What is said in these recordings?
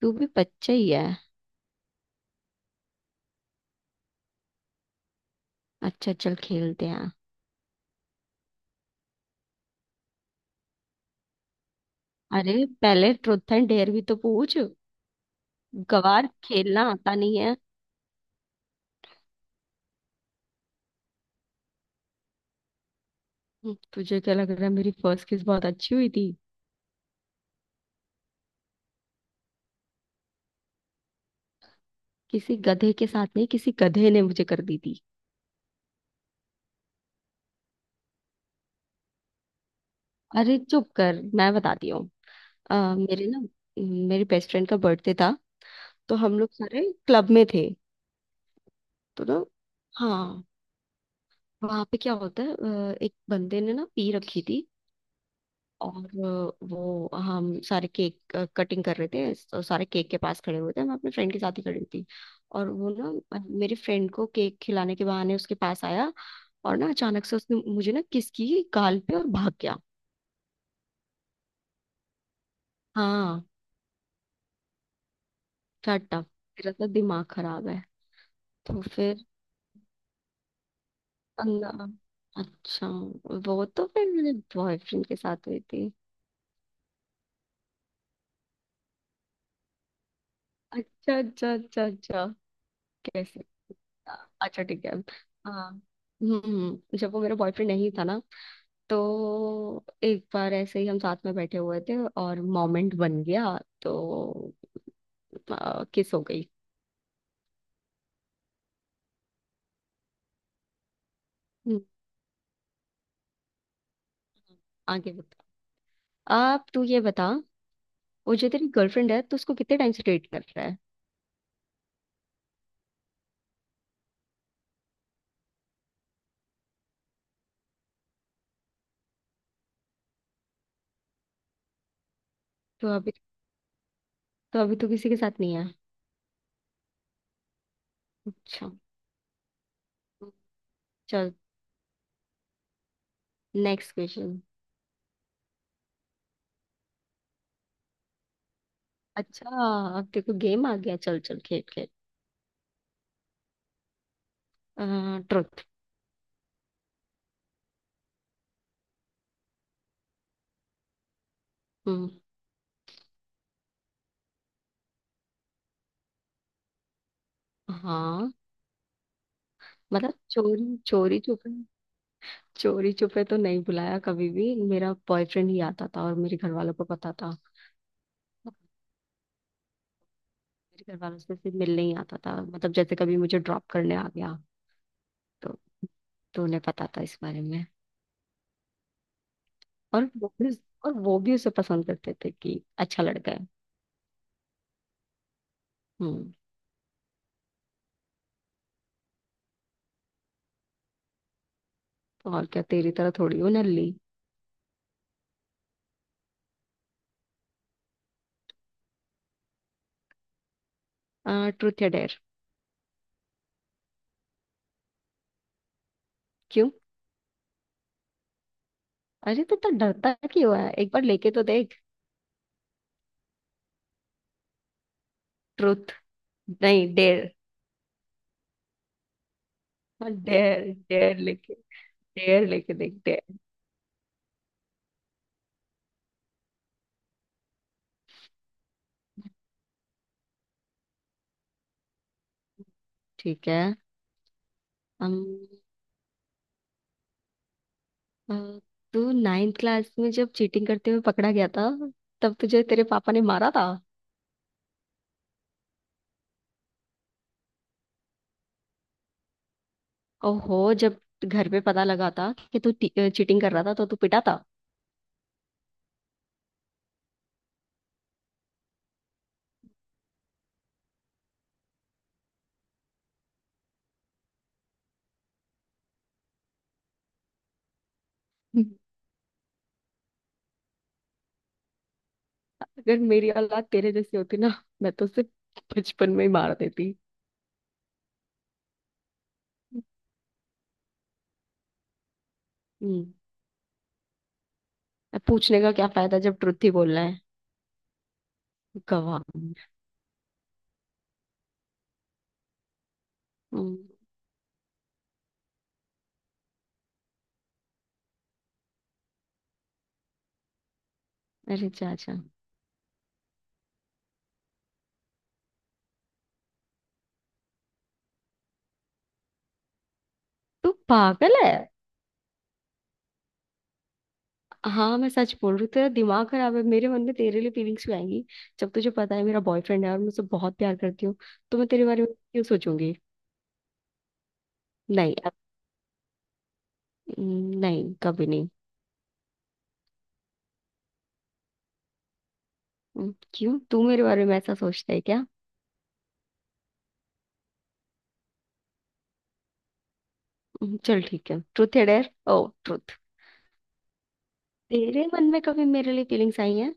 तू भी बच्चा ही है। अच्छा, चल खेलते हैं। अरे पहले ट्रुथ एंड डेयर भी तो पूछ। गवार, खेलना आता नहीं है। तुझे क्या लग रहा है मेरी फर्स्ट किस बहुत अच्छी हुई थी? किसी गधे के साथ नहीं, किसी गधे ने मुझे कर दी थी। अरे चुप कर, मैं बताती हूँ। मेरे ना मेरी बेस्ट फ्रेंड का बर्थडे था। तो हम लोग सारे क्लब में थे। तो ना हाँ, वहां पे क्या होता है, एक बंदे ने ना पी रखी थी। और वो हम सारे केक कटिंग कर रहे थे तो सारे केक के पास खड़े हुए थे, मैं अपने फ्रेंड के साथ ही खड़ी थी। और वो ना मेरे फ्रेंड को केक खिलाने के बहाने उसके पास आया। और ना अचानक से उसने मुझे ना किस की गाल पे और भाग गया। हाँ। टाटा, तेरा तो दिमाग खराब है। तो फिर। अल्लाह। अच्छा। वो तो फिर मेरे बॉयफ्रेंड के साथ हुई थी। अच्छा अच्छा अच्छा अच्छा। कैसे? अच्छा ठीक है। हाँ। जब वो मेरा बॉयफ्रेंड नहीं था ना, तो एक बार ऐसे ही हम साथ में बैठे हुए थे और मोमेंट बन गया तो किस हो गई। हम्म, आगे बता। आप तू ये बता, वो जो तेरी गर्लफ्रेंड है तो उसको कितने टाइम से डेट कर रहा है? तो अभी तो अभी तो किसी के साथ नहीं है। अच्छा। चल, नेक्स्ट क्वेश्चन। अच्छा। अब देखो, गेम आ गया। चल चल खेल खेल। ट्रुथ। हम्म। हाँ। मतलब चोरी चोरी छुपे? चोरी छुपे तो नहीं बुलाया कभी भी, मेरा बॉयफ्रेंड ही आता था और मेरे घर वालों को पता था। मेरे घर वालों से सिर्फ मिलने ही आता था, मतलब जैसे कभी मुझे ड्रॉप करने आ गया। तो तो उन्हें पता था इस बारे में। और वो भी और वो भी उसे पसंद करते थे कि अच्छा लड़का है। हम्म। तो और क्या, तेरी तरह थोड़ी हूँ नल्ली। ट्रुथ या डेयर? क्यों? अरे तो डरता क्यों है, एक बार लेके तो देख। ट्रुथ। नहीं, डेयर। डेयर, डेयर लेके, डेयर लेके देख डेयर। ठीक है। हम अ, तू नाइन्थ क्लास में जब चीटिंग करते हुए पकड़ा गया था तब तुझे तेरे पापा ने मारा था। ओहो, जब घर पे पता लगा था कि तू चीटिंग कर रहा था तो तू पिटा था। हम्म। अगर मेरी औलाद तेरे जैसी होती ना, मैं तो उसे बचपन में ही मार देती। हम्म। अब पूछने का क्या फायदा जब ट्रुथ ही बोलना है। गवाह। हम्म। अरे चाचा। तू पागल है। हाँ, मैं सच बोल रही हूँ, तेरा दिमाग खराब है। मेरे मन में तेरे लिए फीलिंग्स क्यों आएंगी जब तुझे पता है मेरा बॉयफ्रेंड है और मैं उसे बहुत प्यार करती हूँ। तो मैं तेरे बारे में क्यों सोचूंगी? नहीं अब। नहीं, कभी नहीं। क्यों, तू मेरे बारे में ऐसा सोचता है क्या? चल ठीक है। ट्रुथ है डेयर, ओ ट्रुथ। तेरे मन में कभी मेरे लिए फीलिंग्स आई हैं?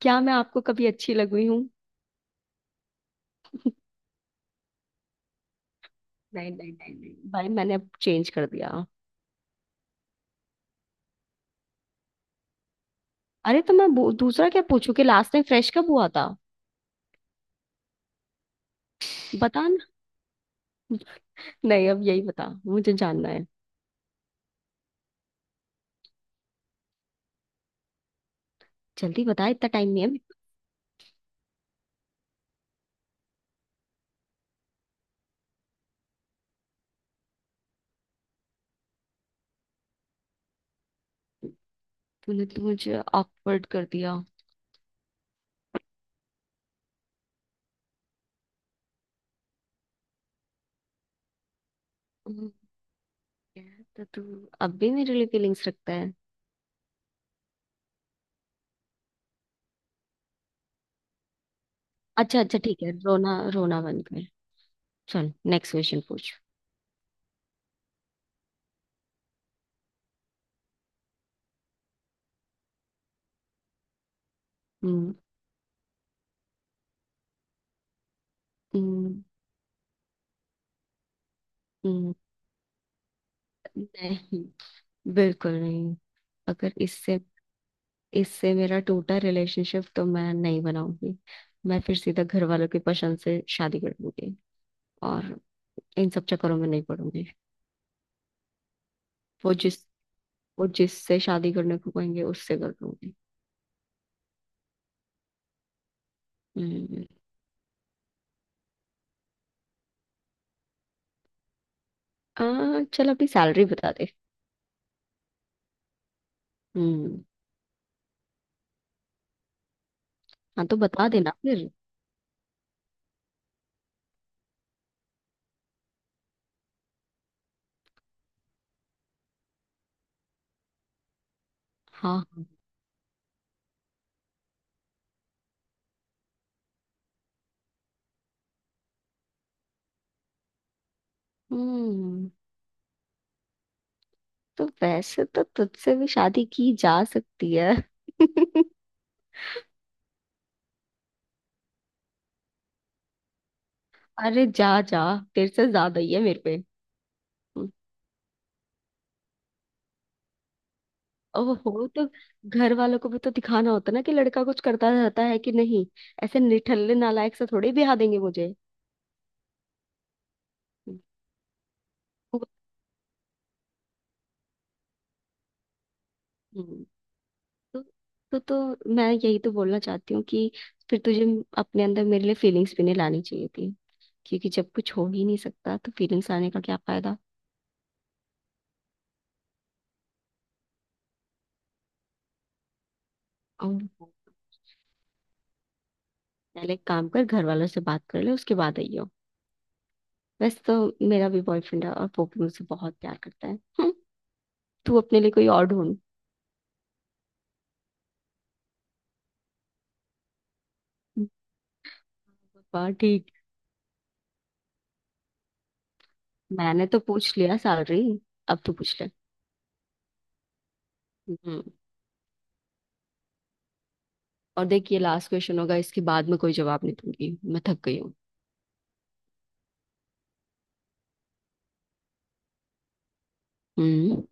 क्या मैं आपको कभी अच्छी लग हुई हूँ? नहीं नहीं नहीं नहीं, भाई मैंने अब चेंज कर दिया। अरे तो मैं दूसरा क्या पूछूं, कि लास्ट टाइम फ्रेश कब हुआ था? बता ना, नहीं अब यही बता, मुझे जानना है। जल्दी बता, इतना टाइम नहीं है अभी। तूने तो मुझे ऑकवर्ड कर दिया। हम्म, तो तू अब भी मेरे लिए फीलिंग्स रखता है? अच्छा अच्छा ठीक है, रोना रोना बंद कर। चल, नेक्स्ट क्वेश्चन पूछ। हम्म। हम्म। हम्म। नहीं, बिल्कुल नहीं। अगर इससे इससे मेरा टूटा रिलेशनशिप तो मैं नहीं बनाऊंगी, मैं फिर सीधा घर वालों की पसंद से शादी कर लूंगी और इन सब चक्करों में नहीं पड़ूंगी। वो जिस वो जिससे शादी करने को कहेंगे उससे कर लूंगी। हम्म। चल अपनी सैलरी बता दे। हम्म। हाँ तो बता देना फिर। हाँ हाँ। हम्म। तो वैसे तो तुझसे भी शादी की जा सकती है। अरे जा जा, तेरे से ज्यादा ही है मेरे पे। हम्म, अब हो तो घर वालों को भी तो दिखाना होता ना कि लड़का कुछ करता रहता है कि नहीं। ऐसे निठल्ले नालायक से थोड़ी ब्याह देंगे मुझे। हम्म, हम्म। तो, तो मैं यही तो बोलना चाहती हूँ कि फिर तुझे अपने अंदर मेरे लिए फीलिंग्स भी नहीं लानी चाहिए, क्योंकि जब कुछ हो ही नहीं सकता तो फीलिंग्स आने का क्या फायदा। हम्म। पहले एक काम कर, घर वालों से बात कर ले, उसके बाद आइयो। वैसे तो मेरा भी बॉयफ्रेंड है और वो भी मुझसे बहुत प्यार करता है। हम्म, तू अपने लिए कोई और ढूंढ। वाह ठीक। मैंने तो पूछ लिया सैलरी, अब तू पूछ ले। हम्म। और देख, ये लास्ट क्वेश्चन होगा, इसके बाद में कोई जवाब नहीं दूंगी, मैं थक गई हूँ। हम्म।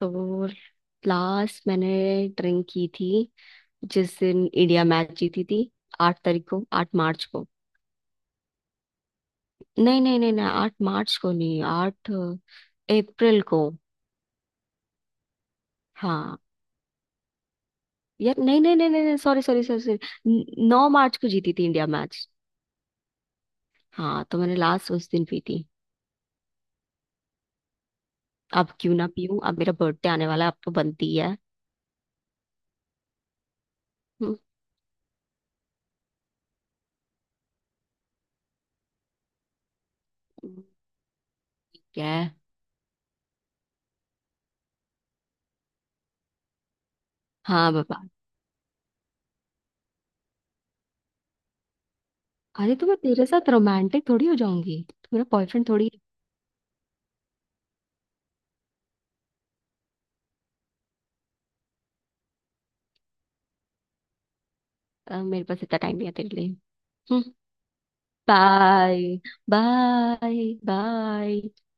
तो लास्ट मैंने ड्रिंक की थी जिस दिन इंडिया मैच जीती थी, 8 तारीख को, 8 मार्च को। नहीं नहीं नहीं नहीं, 8 मार्च को नहीं, 8 अप्रैल को। हाँ। यार नहीं नहीं नहीं नहीं सॉरी सॉरी सॉरी सॉरी, 9 मार्च को जीती थी इंडिया मैच। हाँ, तो मैंने लास्ट उस दिन पी थी। अब क्यों ना पीऊं, अब मेरा बर्थडे आने वाला है, अब तो बनती है। हम्म, क्या है? हाँ बाबा। अरे तो मैं तेरे साथ रोमांटिक थोड़ी हो जाऊंगी, तू मेरा बॉयफ्रेंड थोड़ी है। मेरे पास इतना टाइम नहीं है तेरे लिए। Bye bye bye.